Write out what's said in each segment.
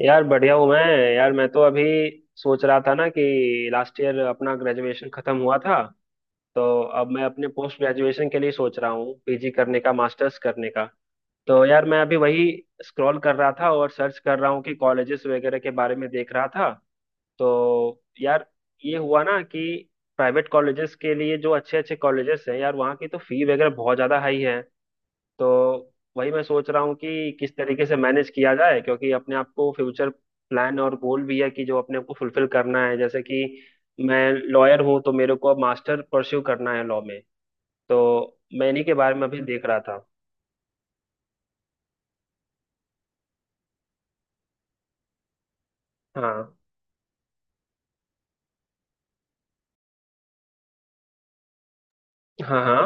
यार बढ़िया हूँ मैं। यार मैं तो अभी सोच रहा था ना कि लास्ट ईयर अपना ग्रेजुएशन खत्म हुआ था। तो अब मैं अपने पोस्ट ग्रेजुएशन के लिए सोच रहा हूँ, पीजी करने का, मास्टर्स करने का। तो यार मैं अभी वही स्क्रॉल कर रहा था और सर्च कर रहा हूँ कि कॉलेजेस वगैरह के बारे में देख रहा था। तो यार, ये हुआ ना कि प्राइवेट कॉलेजेस के लिए जो अच्छे अच्छे कॉलेजेस हैं यार, वहाँ की तो फी वगैरह बहुत ज़्यादा हाई है। तो वही मैं सोच रहा हूँ कि किस तरीके से मैनेज किया जाए, क्योंकि अपने आप को फ्यूचर प्लान और गोल भी है कि जो अपने आप को फुलफिल करना है, जैसे कि मैं लॉयर हूँ तो मेरे को अब मास्टर परस्यू करना है लॉ में। तो मैं इन्हीं के बारे में अभी देख रहा था। हाँ। हाँ। हाँ।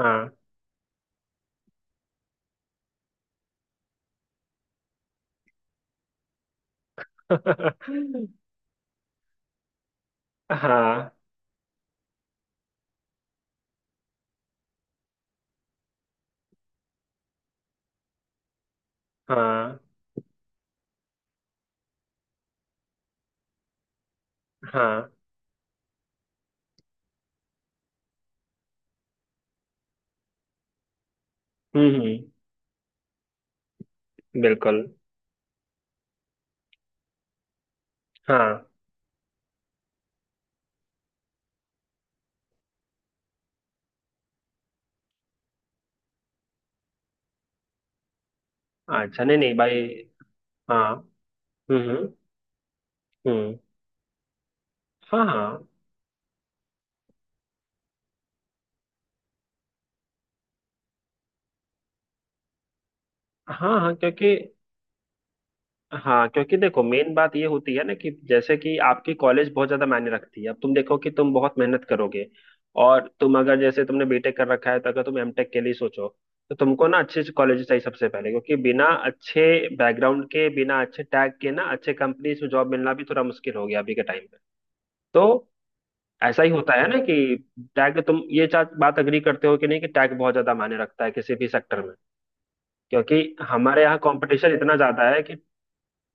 हाँ। हाँ। हाँ। हाँ। हम्म, हम्म। बिल्कुल। हाँ। अच्छा, नहीं नहीं भाई। हाँ। हम्म, हम्म, हम्म। हाँ। हाँ। हाँ। हाँ, क्योंकि। हाँ, क्योंकि देखो मेन बात ये होती है ना कि जैसे कि आपकी कॉलेज बहुत ज्यादा मायने रखती है। अब तुम देखो कि तुम बहुत मेहनत करोगे, और तुम अगर जैसे तुमने बीटेक कर रखा है तो अगर तुम एमटेक के लिए सोचो, तो तुमको ना अच्छे से कॉलेज चाहिए सबसे पहले, क्योंकि बिना अच्छे बैकग्राउंड के, बिना अच्छे टैग के ना, अच्छे कंपनीज में जॉब मिलना भी थोड़ा मुश्किल हो गया अभी के टाइम पे। तो ऐसा ही होता है ना कि टैग, तुम ये बात अग्री करते हो कि नहीं कि टैग बहुत ज्यादा मायने रखता है किसी भी सेक्टर में, क्योंकि हमारे यहाँ कंपटीशन इतना ज्यादा है कि।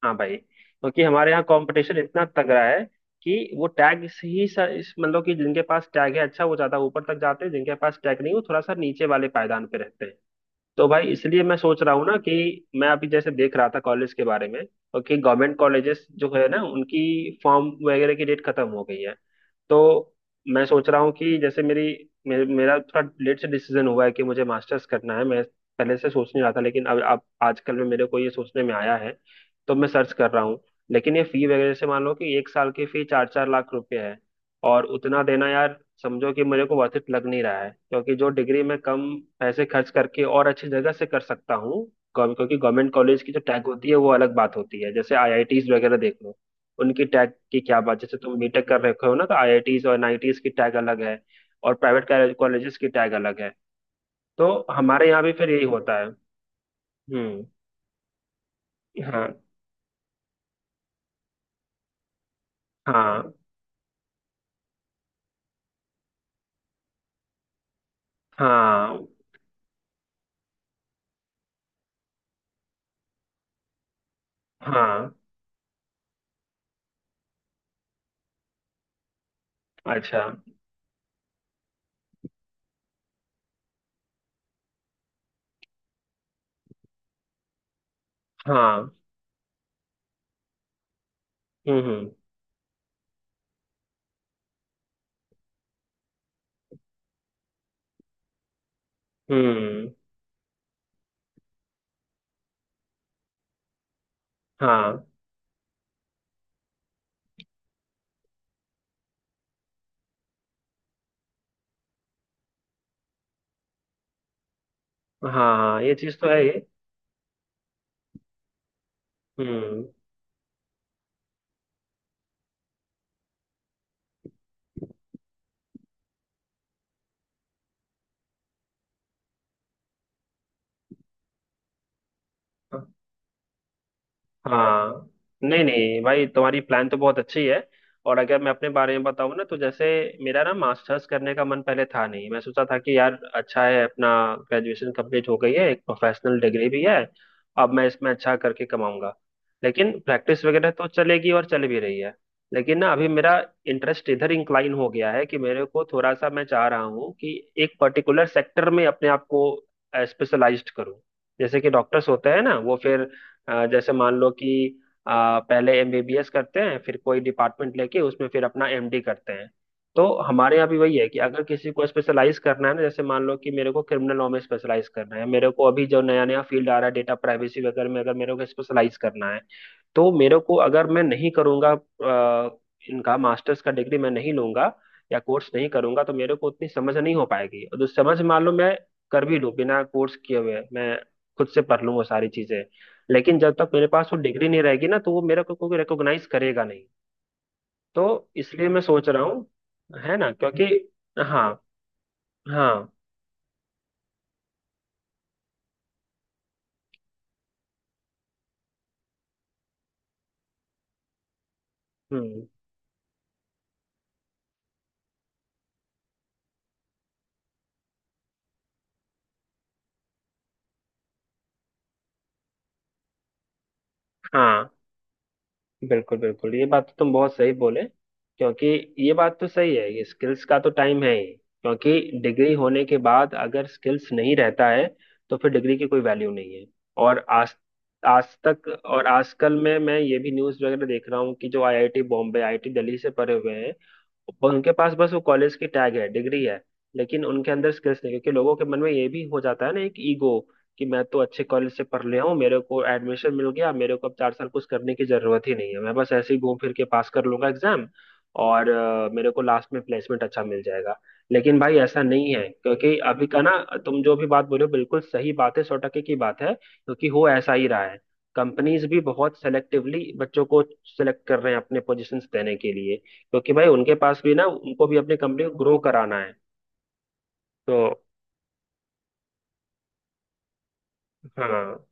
हाँ भाई, क्योंकि हमारे यहाँ कंपटीशन इतना तगड़ा है कि वो टैग से ही इस मतलब कि जिनके पास टैग है अच्छा वो ज्यादा ऊपर तक जाते हैं, जिनके पास टैग नहीं वो थोड़ा सा नीचे वाले पायदान पे रहते हैं। तो भाई इसलिए मैं सोच रहा हूँ ना कि मैं अभी जैसे देख रहा था कॉलेज के बारे में, और कि गवर्नमेंट कॉलेजेस जो है ना उनकी फॉर्म वगैरह की डेट खत्म हो गई है। तो मैं सोच रहा हूँ कि जैसे मेरी, मेरा थोड़ा लेट से डिसीजन हुआ है कि मुझे मास्टर्स करना है। मैं पहले से सोच नहीं रहा था, लेकिन अब आजकल में मेरे को ये सोचने में आया है। तो मैं सर्च कर रहा हूँ। लेकिन ये फी वगैरह से मान लो कि एक साल की फी चार चार लाख रुपए है, और उतना देना यार, समझो कि मेरे को वर्थ इट लग नहीं रहा है, क्योंकि जो डिग्री मैं कम पैसे खर्च करके और अच्छी जगह से कर सकता हूँ। क्योंकि गवर्नमेंट कॉलेज की जो टैग होती है वो अलग बात होती है, जैसे आईआईटीज वगैरह देख लो। उनकी टैग की क्या बात, जैसे तुम बीटेक कर रखे हो ना तो आईआईटीज और एनआईटीज की टैग अलग है, और प्राइवेट कॉलेजेस की टैग अलग है। तो हमारे यहाँ भी फिर यही होता है। हम्म। हाँ। हाँ। हाँ। हाँ। अच्छा। हाँ। हम्म, हम्म, हम्म। हाँ। हाँ, हाँ, ये चीज तो है ही। हम्म। हाँ, नहीं नहीं भाई, तुम्हारी प्लान तो बहुत अच्छी है। और अगर मैं अपने बारे में बताऊँ ना तो जैसे, मेरा ना मास्टर्स करने का मन पहले था नहीं, मैं सोचा था कि यार अच्छा है, अपना ग्रेजुएशन कंप्लीट हो गई है, एक प्रोफेशनल डिग्री भी है, अब मैं इसमें अच्छा करके कमाऊंगा। लेकिन प्रैक्टिस वगैरह तो चलेगी और चल भी रही है। लेकिन ना अभी मेरा इंटरेस्ट इधर इंक्लाइन हो गया है कि मेरे को थोड़ा सा, मैं चाह रहा हूँ कि एक पर्टिकुलर सेक्टर में अपने आप को स्पेशलाइज्ड करूँ। जैसे कि डॉक्टर्स होते हैं ना वो फिर जैसे मान लो कि अ, पहले एमबीबीएस करते हैं फिर कोई डिपार्टमेंट लेके उसमें फिर अपना एमडी करते हैं। तो हमारे यहाँ भी वही है कि अगर किसी को स्पेशलाइज करना है ना, जैसे मान लो कि मेरे को क्रिमिनल लॉ में स्पेशलाइज करना है, मेरे को अभी जो नया नया फील्ड आ रहा है डेटा प्राइवेसी वगैरह में, अगर मेरे को स्पेशलाइज करना है तो मेरे को, अगर मैं नहीं करूंगा इनका मास्टर्स का डिग्री मैं नहीं लूंगा या कोर्स नहीं करूंगा, तो मेरे को उतनी समझ नहीं हो पाएगी। और जो समझ, मान लो मैं कर भी लूं बिना कोर्स किए हुए, मैं खुद से पढ़ लूँ वो सारी चीजें, लेकिन जब तक मेरे पास वो डिग्री नहीं रहेगी ना तो वो मेरा को रिकॉग्नाइज करेगा नहीं। तो इसलिए मैं सोच रहा हूँ, है ना, क्योंकि। हाँ। हाँ। हम्म। हाँ। बिल्कुल बिल्कुल, ये बात तो तुम बहुत सही बोले, क्योंकि ये बात तो सही है, ये स्किल्स का तो टाइम है ही, क्योंकि डिग्री होने के बाद अगर स्किल्स नहीं रहता है तो फिर डिग्री की कोई वैल्यू नहीं है। और आज, आज तक और आजकल में मैं ये भी न्यूज़ वगैरह देख रहा हूँ कि जो आईआईटी बॉम्बे, आईआईटी दिल्ली से पढ़े हुए हैं, उनके पास बस वो कॉलेज की टैग है, डिग्री है, लेकिन उनके अंदर स्किल्स नहीं, क्योंकि लोगों के मन में ये भी हो जाता है ना एक ईगो, कि मैं तो अच्छे कॉलेज से पढ़ लिया हूँ, मेरे को एडमिशन मिल गया, मेरे को अब 4 साल कुछ करने की जरूरत ही नहीं है, मैं बस ऐसे ही घूम फिर के पास कर लूंगा एग्जाम। और मेरे को लास्ट में प्लेसमेंट अच्छा मिल जाएगा। लेकिन भाई ऐसा नहीं है, क्योंकि अभी का ना, तुम जो भी बात बोले हो, बिल्कुल सही बात है, सौ टके की बात है, क्योंकि हो ऐसा ही रहा है। कंपनीज भी बहुत सेलेक्टिवली बच्चों को सेलेक्ट कर रहे हैं अपने पोजीशंस देने के लिए, क्योंकि भाई उनके पास भी ना, उनको भी अपनी कंपनी को ग्रो कराना है। तो। हाँ।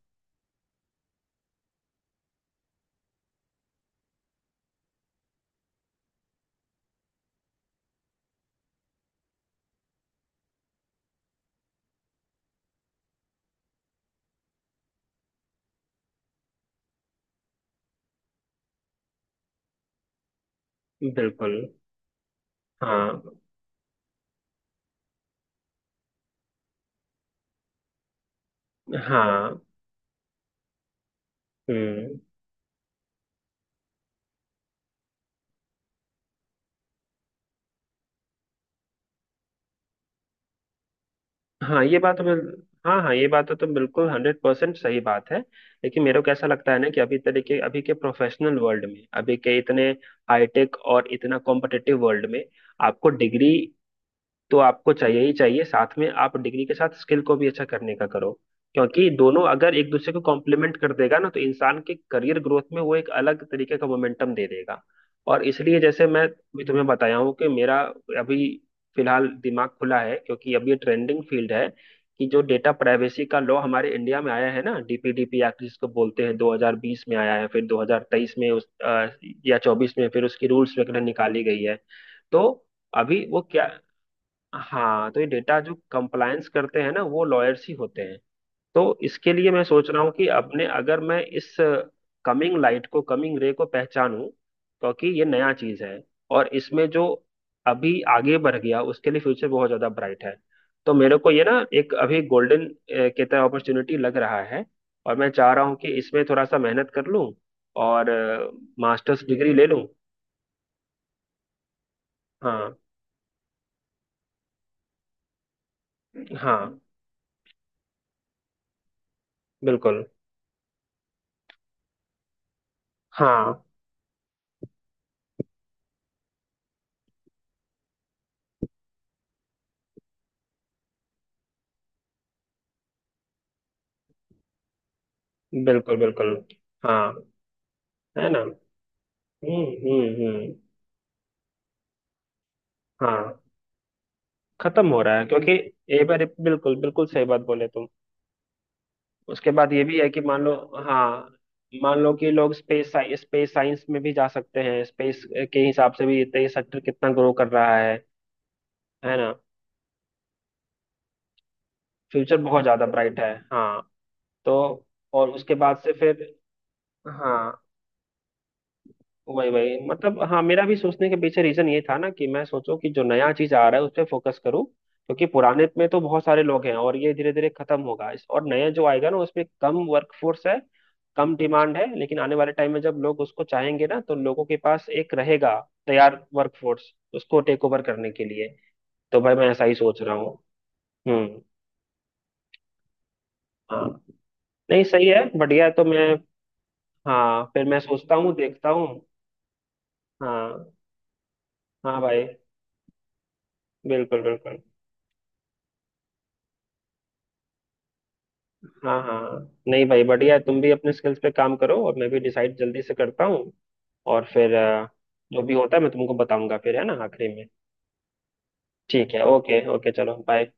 बिल्कुल। हाँ। हाँ। हम्म। हाँ, ये बात हमें। हाँ हाँ, ये बात तो तुम बिल्कुल 100% सही बात है। लेकिन मेरे को ऐसा लगता है ना कि अभी तरीके, अभी के प्रोफेशनल वर्ल्ड में, अभी के इतने हाईटेक और इतना कॉम्पिटिटिव वर्ल्ड में आपको डिग्री तो आपको चाहिए ही चाहिए, साथ में आप डिग्री के साथ स्किल को भी अच्छा करने का करो, क्योंकि दोनों अगर एक दूसरे को कॉम्प्लीमेंट कर देगा ना तो इंसान के करियर ग्रोथ में वो एक अलग तरीके का मोमेंटम दे देगा। और इसलिए जैसे मैं भी तुम्हें बताया हूँ कि मेरा अभी फिलहाल दिमाग खुला है, क्योंकि अब ये ट्रेंडिंग फील्ड है कि जो डेटा प्राइवेसी का लॉ हमारे इंडिया में आया है ना, डीपीडीपी एक्ट जिसको बोलते हैं, 2020 में आया है, फिर 2023 में उस या 24 में फिर उसकी रूल्स वगैरह निकाली गई है। तो अभी वो क्या। हाँ, तो ये डेटा जो कंप्लायंस करते हैं ना वो लॉयर्स ही होते हैं। तो इसके लिए मैं सोच रहा हूँ कि अपने, अगर मैं इस कमिंग लाइट को, कमिंग रे को पहचानूं, क्योंकि ये नया चीज है, और इसमें जो अभी आगे बढ़ गया उसके लिए फ्यूचर बहुत ज्यादा ब्राइट है। तो मेरे को ये ना एक अभी गोल्डन के तरह अपॉर्चुनिटी लग रहा है, और मैं चाह रहा हूँ कि इसमें थोड़ा सा मेहनत कर लूँ, और मास्टर्स डिग्री ले लूँ। हाँ। हाँ। बिल्कुल। हाँ। बिल्कुल बिल्कुल। हाँ। है ना। हम्म, हम्म, हम्म। हाँ, खत्म हो रहा है क्योंकि। एक बार, बिल्कुल बिल्कुल सही बात बोले तुम। उसके बाद ये भी है कि मान लो। हाँ, मान लो कि लोग स्पेस, स्पेस साइंस में भी जा सकते हैं। स्पेस के हिसाब से भी ये सेक्टर कितना ग्रो कर रहा है ना। फ्यूचर बहुत ज्यादा ब्राइट है, हाँ। तो, और उसके बाद से फिर। हाँ, वही वही मतलब, हाँ, मेरा भी सोचने के पीछे रीजन ये था ना कि मैं सोचो कि जो नया चीज आ रहा है उस पर फोकस करूँ, क्योंकि पुराने में तो बहुत सारे लोग हैं और ये धीरे धीरे खत्म होगा, इस और नया जो आएगा ना उसमें कम वर्कफोर्स है, कम डिमांड है, लेकिन आने वाले टाइम में जब लोग उसको चाहेंगे ना तो लोगों के पास एक रहेगा तैयार वर्कफोर्स उसको टेक ओवर करने के लिए। तो भाई मैं ऐसा ही सोच रहा हूँ। हम्म। हाँ। नहीं सही है, बढ़िया है, तो मैं। हाँ, फिर मैं सोचता हूँ, देखता हूँ। हाँ। हाँ भाई। बिल्कुल बिल्कुल। हाँ। हाँ, नहीं भाई बढ़िया है, तुम भी अपने स्किल्स पे काम करो और मैं भी डिसाइड जल्दी से करता हूँ। और फिर जो भी होता है मैं तुमको बताऊंगा फिर, है ना, आखिरी में। ठीक है। ओके ओके चलो बाय।